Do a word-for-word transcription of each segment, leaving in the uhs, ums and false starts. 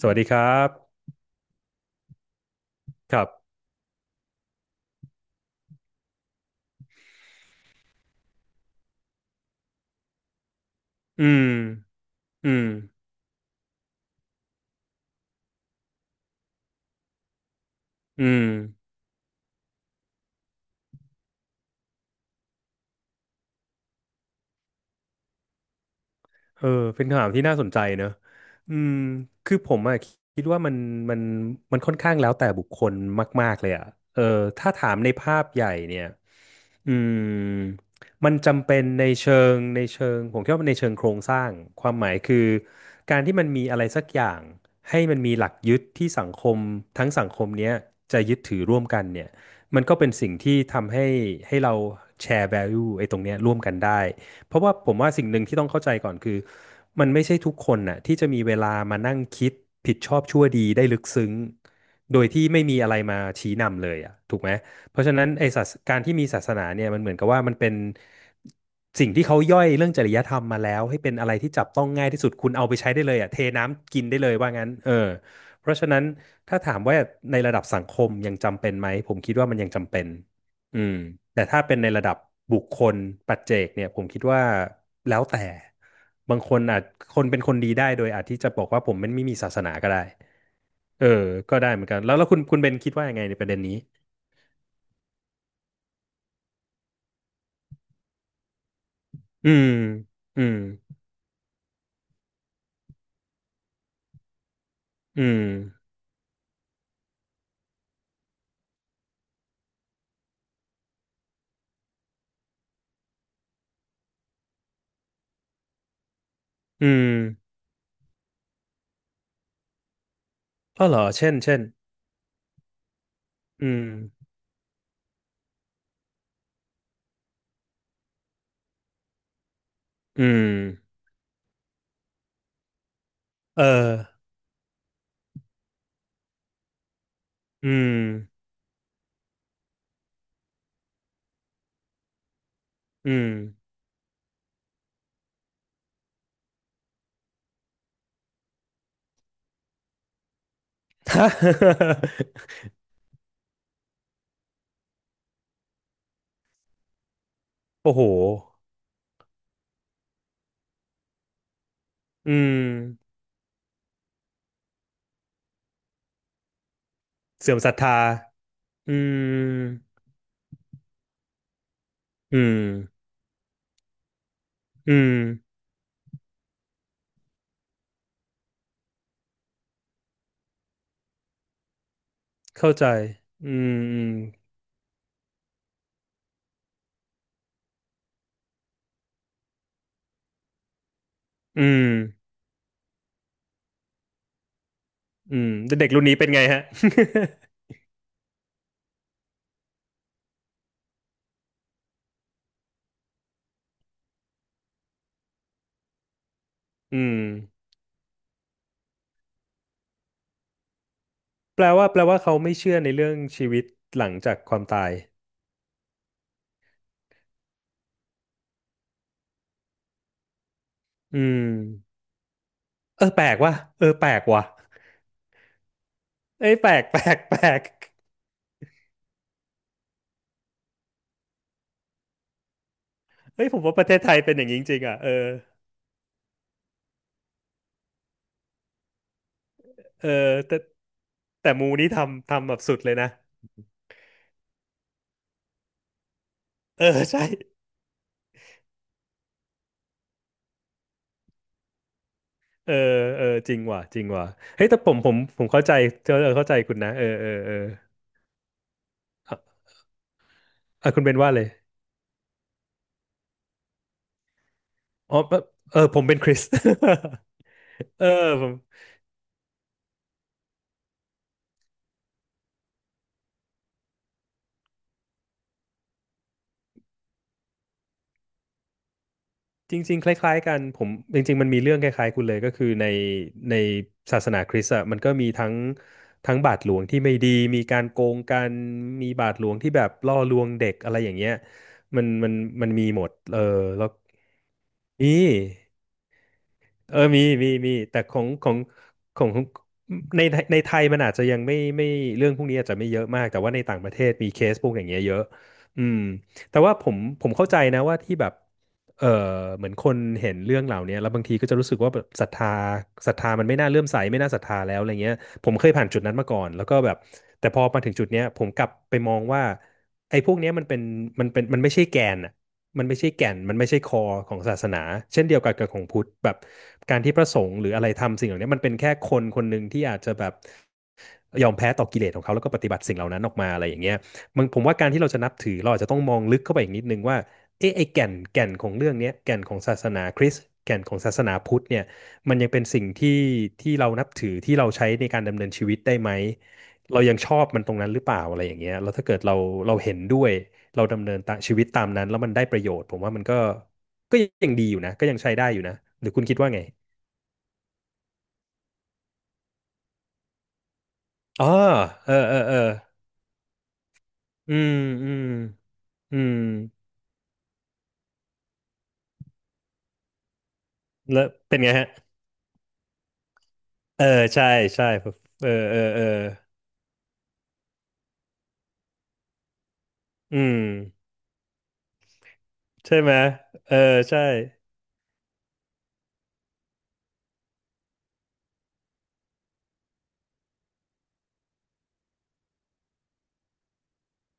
สวัสดีครับ ครับ อืม อืม อืม เออเป็นคำถามที่น่าสนใจเนอะอืมคือผมอะคิดว่ามันมันมันค่อนข้างแล้วแต่บุคคลมากๆเลยอะเออถ้าถามในภาพใหญ่เนี่ยอืมมันจำเป็นในเชิงในเชิงผมคิดว่าในเชิงโครงสร้างความหมายคือการที่มันมีอะไรสักอย่างให้มันมีหลักยึดที่สังคมทั้งสังคมเนี้ยจะยึดถือร่วมกันเนี่ยมันก็เป็นสิ่งที่ทำให้ให้เราแชร์ value ไอ้ตรงเนี้ยร่วมกันได้ เพราะว่าผมว่าสิ่งหนึ่งที่ต้องเข้าใจก่อนคือมันไม่ใช่ทุกคนน่ะที่จะมีเวลามานั่งคิดผิดชอบชั่วดีได้ลึกซึ้งโดยที่ไม่มีอะไรมาชี้นำเลยอ่ะถูกไหมเพราะฉะนั้นไอ้ศาสการที่มีศาสนาเนี่ยมันเหมือนกับว่ามันเป็นสิ่งที่เขาย่อยเรื่องจริยธรรมมาแล้วให้เป็นอะไรที่จับต้องง่ายที่สุดคุณเอาไปใช้ได้เลยอ่ะเทน้ำกินได้เลยว่างั้นเออเพราะฉะนั้นถ้าถามว่าในระดับสังคมยังจำเป็นไหมผมคิดว่ามันยังจำเป็น อืมแต่ถ้าเป็นในระดับบุคคลปัจเจกเนี่ยผมคิดว่าแล้วแต่บางคนอาจคนเป็นคนดีได้โดยอาจที่จะบอกว่าผมมันไม่มีศาสนาก็ได้เออก็ได้เหมือนกันแล้วแล้วคุณคุณเบนคิดว่ายังไงในประเด็นนี้อืมอืมอืมอืมอ๋อเหรอเช่นเช่นอืมอืมเอออืมอืม ฮะโอ้โหอืมเสื่อมศรัทธาอืมอืมอืม เข้าใจอืมอืมอืมอืมเด็กรุ่นนี้เป็นไงฮะ อืมแปลว่าแปลว่าเขาไม่เชื่อในเรื่องชีวิตหลังจากความตายอืมเออแปลกว่ะเออแปลกว่ะเอ้ยแปลก แปลกแปลกเอ้ยผมว่าประเทศไทยเป็นอย่างนี้จริงๆอ่ะเออเออแต่แต่มูนี่ทำทำแบบสุดเลยนะเออ ใช่เออเออจริงว่ะจริงว่ะเฮ้ยแต่ผมผมผมเข้าใจเออเข้าใจคุณนะเออเออเอออ่ะอ่ะคุณเป็นว่าเลย อ๋อแบบเออผมเป็นคริส เออผมจริงๆคล้ายๆกันผมจริงๆมันมีเรื่องคล้ายๆคุณเลยก็คือในในศาสนาคริสต์อะมันก็มีทั้งทั้งบาทหลวงที่ไม่ดีมีการโกงกันมีบาทหลวงที่แบบล่อลวงเด็กอะไรอย่างเงี้ยมันมันมันมีหมดเออแล้วนี่ เออมีมีมีแต่ของของของของในในไทยมันอาจจะยังไม่ไม่เรื่องพวกนี้อาจจะไม่เยอะมาก แต่ว่าในต่างประเทศมีเคสพวกอย่างเงี้ยเยอะอืมแต่ว่าผมผมเข้าใจนะว่าที่แบบเออเหมือนคนเห็นเรื่องเหล่านี้แล้วบางทีก็จะรู้สึกว่าแบบศรัทธาศรัทธามันไม่น่าเลื่อมใสไม่น่าศรัทธาแล้วอะไรเงี้ยผมเคยผ่านจุดนั้นมาก่อนแล้วก็แบบแต่พอมาถึงจุดเนี้ยผมกลับไปมองว่าไอ้พวกเนี้ยมันเป็นมันเป็นมันไม่ใช่แกนอะ มันไม่ใช่แก่น มันไม่ใช่คอของศาสนา เช่นเดียวกันกับของพุทธแบบการที่พระสงฆ์หรืออะไรทำสิ่งเหล่านี้มันเป็นแค่คนคนหนึ่งที่อาจจะแบบยอมแพ้ต่อกิเลสของเขาแล้วก็ปฏิบัติสิ่งเหล่านั้นออกมาอะไรอย่างเงี้ยมันผมว่าการที่เราจะนับถือเราอาจจะต้องมองลึกเข้าไปอีกนิดนึงว่าเอ๊ะไอ้แก่นแก่นของเรื่องนี้แก่นของศาสนาคริสต์แก่นของศาสนาพุทธเนี่ยมันยังเป็นสิ่งที่ที่เรานับถือที่เราใช้ในการดำเนินชีวิตได้ไหมเรายังชอบมันตรงนั้นหรือเปล่าอะไรอย่างเงี้ยแล้วถ้าเกิดเราเราเห็นด้วย เราดำเนินตามชีวิตตามนั้นแล้วมันได้ประโยชน์ผมว่ามันก็ก็ยังดีอยู่นะก็ยังใช้ได้อยู่นะหรือคุณคิดว่าไงอ๋อเออเออเอออืมอืมอืมแล้วเป็นไงฮะเออใช่ใช่เออเออเอออืมใช่ไหมเออใช่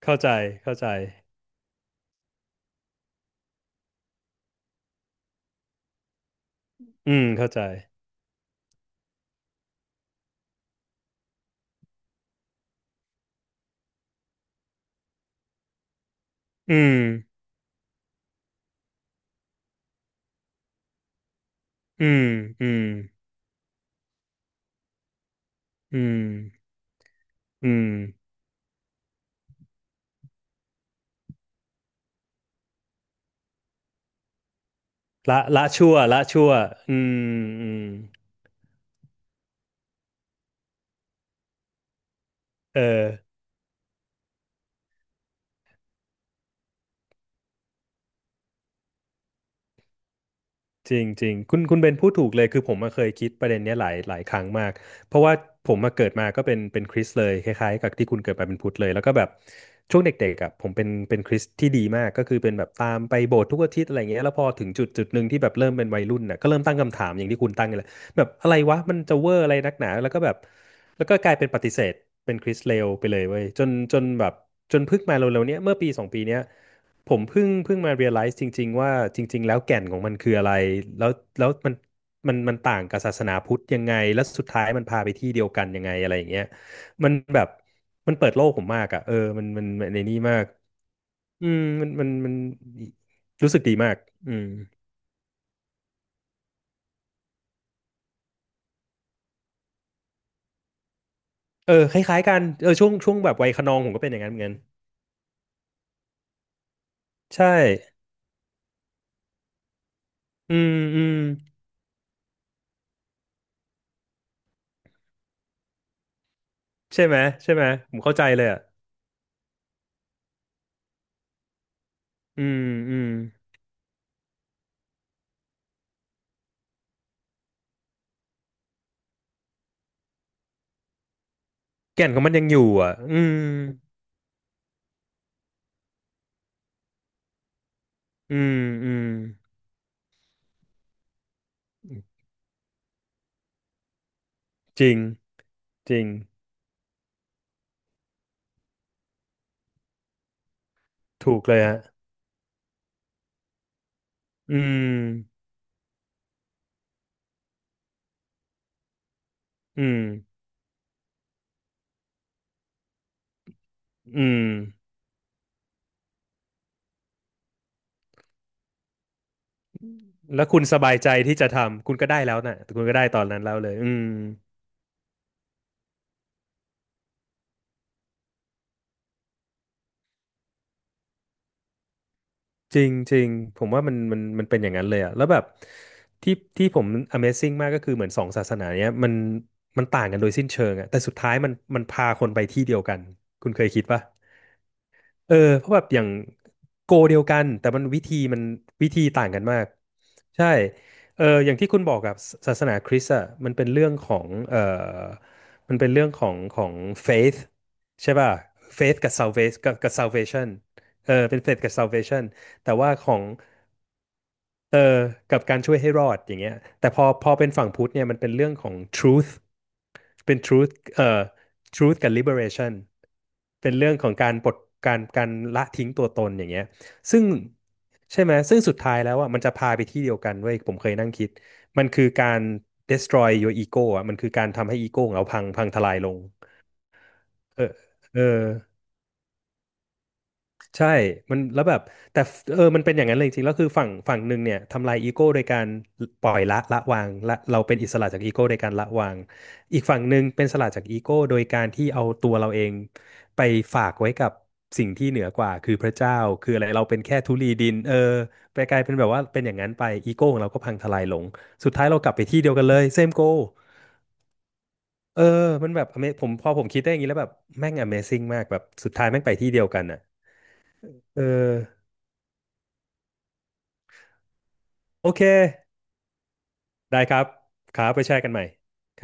เข้าใจเข้าใจอืมเข้าใจอืมอืมอืมอืมอืมละละชั่วละชั่วอืมอืมเออ จริงจริงคุณคุณเบนพูดถูกเลยคือผมมาเคยคิดประเด็นเนี้ยหลายหลายครั้งมากเพราะว่าผมมาเกิดมาก็เป็นเป็นคริสต์เลยคล้ายๆกับที่คุณเกิดมาเป็นพุทธเลยแล้วก็แบบช่วงเด็กๆอ่ะผมเป็นเป็นคริสต์ที่ดีมากก็คือเป็นแบบตามไปโบสถ์ทุกอาทิตย์อะไรเงี้ยแล้วพอถึงจุดจุดหนึ่งที่แบบเริ่มเป็นวัยรุ่นน่ะก็เริ่มตั้งคำถามอย่างที่คุณตั้งเลยแบบอะไรวะมันจะเวอร์อะไรนักหนาแล้วก็แบบแล้วก็กลายเป็นปฏิเสธเป็นคริสต์เลวไปเลยเว้ยจนจนแบบจนเพิ่งมาเร็วๆเนี้ยเมื่อปีสองปีเนี้ย ผมเพิ่งเพิ่งมา realize จริงๆว่าจริงๆแล้วแก่นของมันคืออะไรแล้วแล้วมันมันมันต่างกับศาสนาพุทธยังไงแล้วสุดท้ายมันพาไปที่เดียวกันยังไงอะไรอย่างเงี้ยมันแบบมันเปิดโลกผมมากอ่ะเออมันมันมันในนี้มากอืมมันมันมันรู้สึกดีมากอืมเออคล้ายๆกันเออช่วงช่วงแบบวัยคะนองผมก็เป็นอย่างนั้นเหมือนกันใช่อืมอืมใช่ไหมใช่ไหมผมเข้าใจเลยอ่ะอืมอืมแก่นของมันยังอยู่อ่ะอืมอืมอืม จริงจริงถูกเลยฮะอืมอืมอืมแล้วคุณสบายใจที่จะทำคุณก็ได้แล้วน่ะคุณก็ได้ตอนนั้นแล้วเลยอืมจริงจริงผมว่ามันมันมันเป็นอย่างนั้นเลยอะแล้วแบบที่ที่ผม Amazing มากก็คือเหมือนสองศาสนาเนี้ยมันมันต่างกันโดยสิ้นเชิงอะแต่สุดท้ายมันมันพาคนไปที่เดียวกันคุณเคยคิดปะ เออเพราะแบบอย่างโกเดียวกันแต่มันวิธีมันวิธีต่างกันมากใช่เอออย่างที่คุณบอกกับศศาสนาคริสต์อ่ะมันเป็นเรื่องของเออมันเป็นเรื่องของของ faith ใช่ป่ะ faith กับ salvation กับกับ salvation เออเป็น faith กับ salvation แต่ว่าของ เออกับการช่วยให้รอดอย่างเงี้ยแต่พอพอเป็นฝั่งพุทธเนี่ยมันเป็นเรื่องของ truth เป็น truth เอ่อ truth กับ liberation เป็นเรื่องของการปลดการการละทิ้งตัวตนอย่างเงี้ยซึ่งใช่ไหม ซึ่งสุดท้ายแล้วอ่ะมันจะพาไปที่เดียวกันเว้ยผมเคยนั่งคิดมันคือการ destroy your ego อ่ะมันคือการทำให้อีโก้ของเราพังพังทลายลงเออเออ ใช่มันแล้วแบบแต่ฟเออมันเป็นอย่างนั้นเลยจริงๆแล้วคือฝั่งฝั่งหนึ่งเนี่ยทำลายอีโก้โดยการปล่อยละละวางละเราเป็นอิสระจากอีโก้โดยการละวางอีกฝั่งหนึ่งเป็นอิสระจากอีโก้โดยการที่เอาตัวเราเองไปฝากไว้กับสิ่งที่เหนือกว่าคือพระเจ้าคืออะไรเราเป็นแค่ธุลีดินเออไปกลายเป็นแบบว่าเป็นอย่างนั้นไปอีโก้ของเราก็พังทลายลงสุดท้ายเรากลับไปที่เดียวกันเลยเซมโกเออมันแบบ ama- ผมพอผมคิดได้อย่างนี้แล้วแบบแม่ง Amazing มากแบบสุดท้ายแม่งไปที่เดียวกันอ่ะเออโอเค ได้ครับครับไปแชร์กันใหม่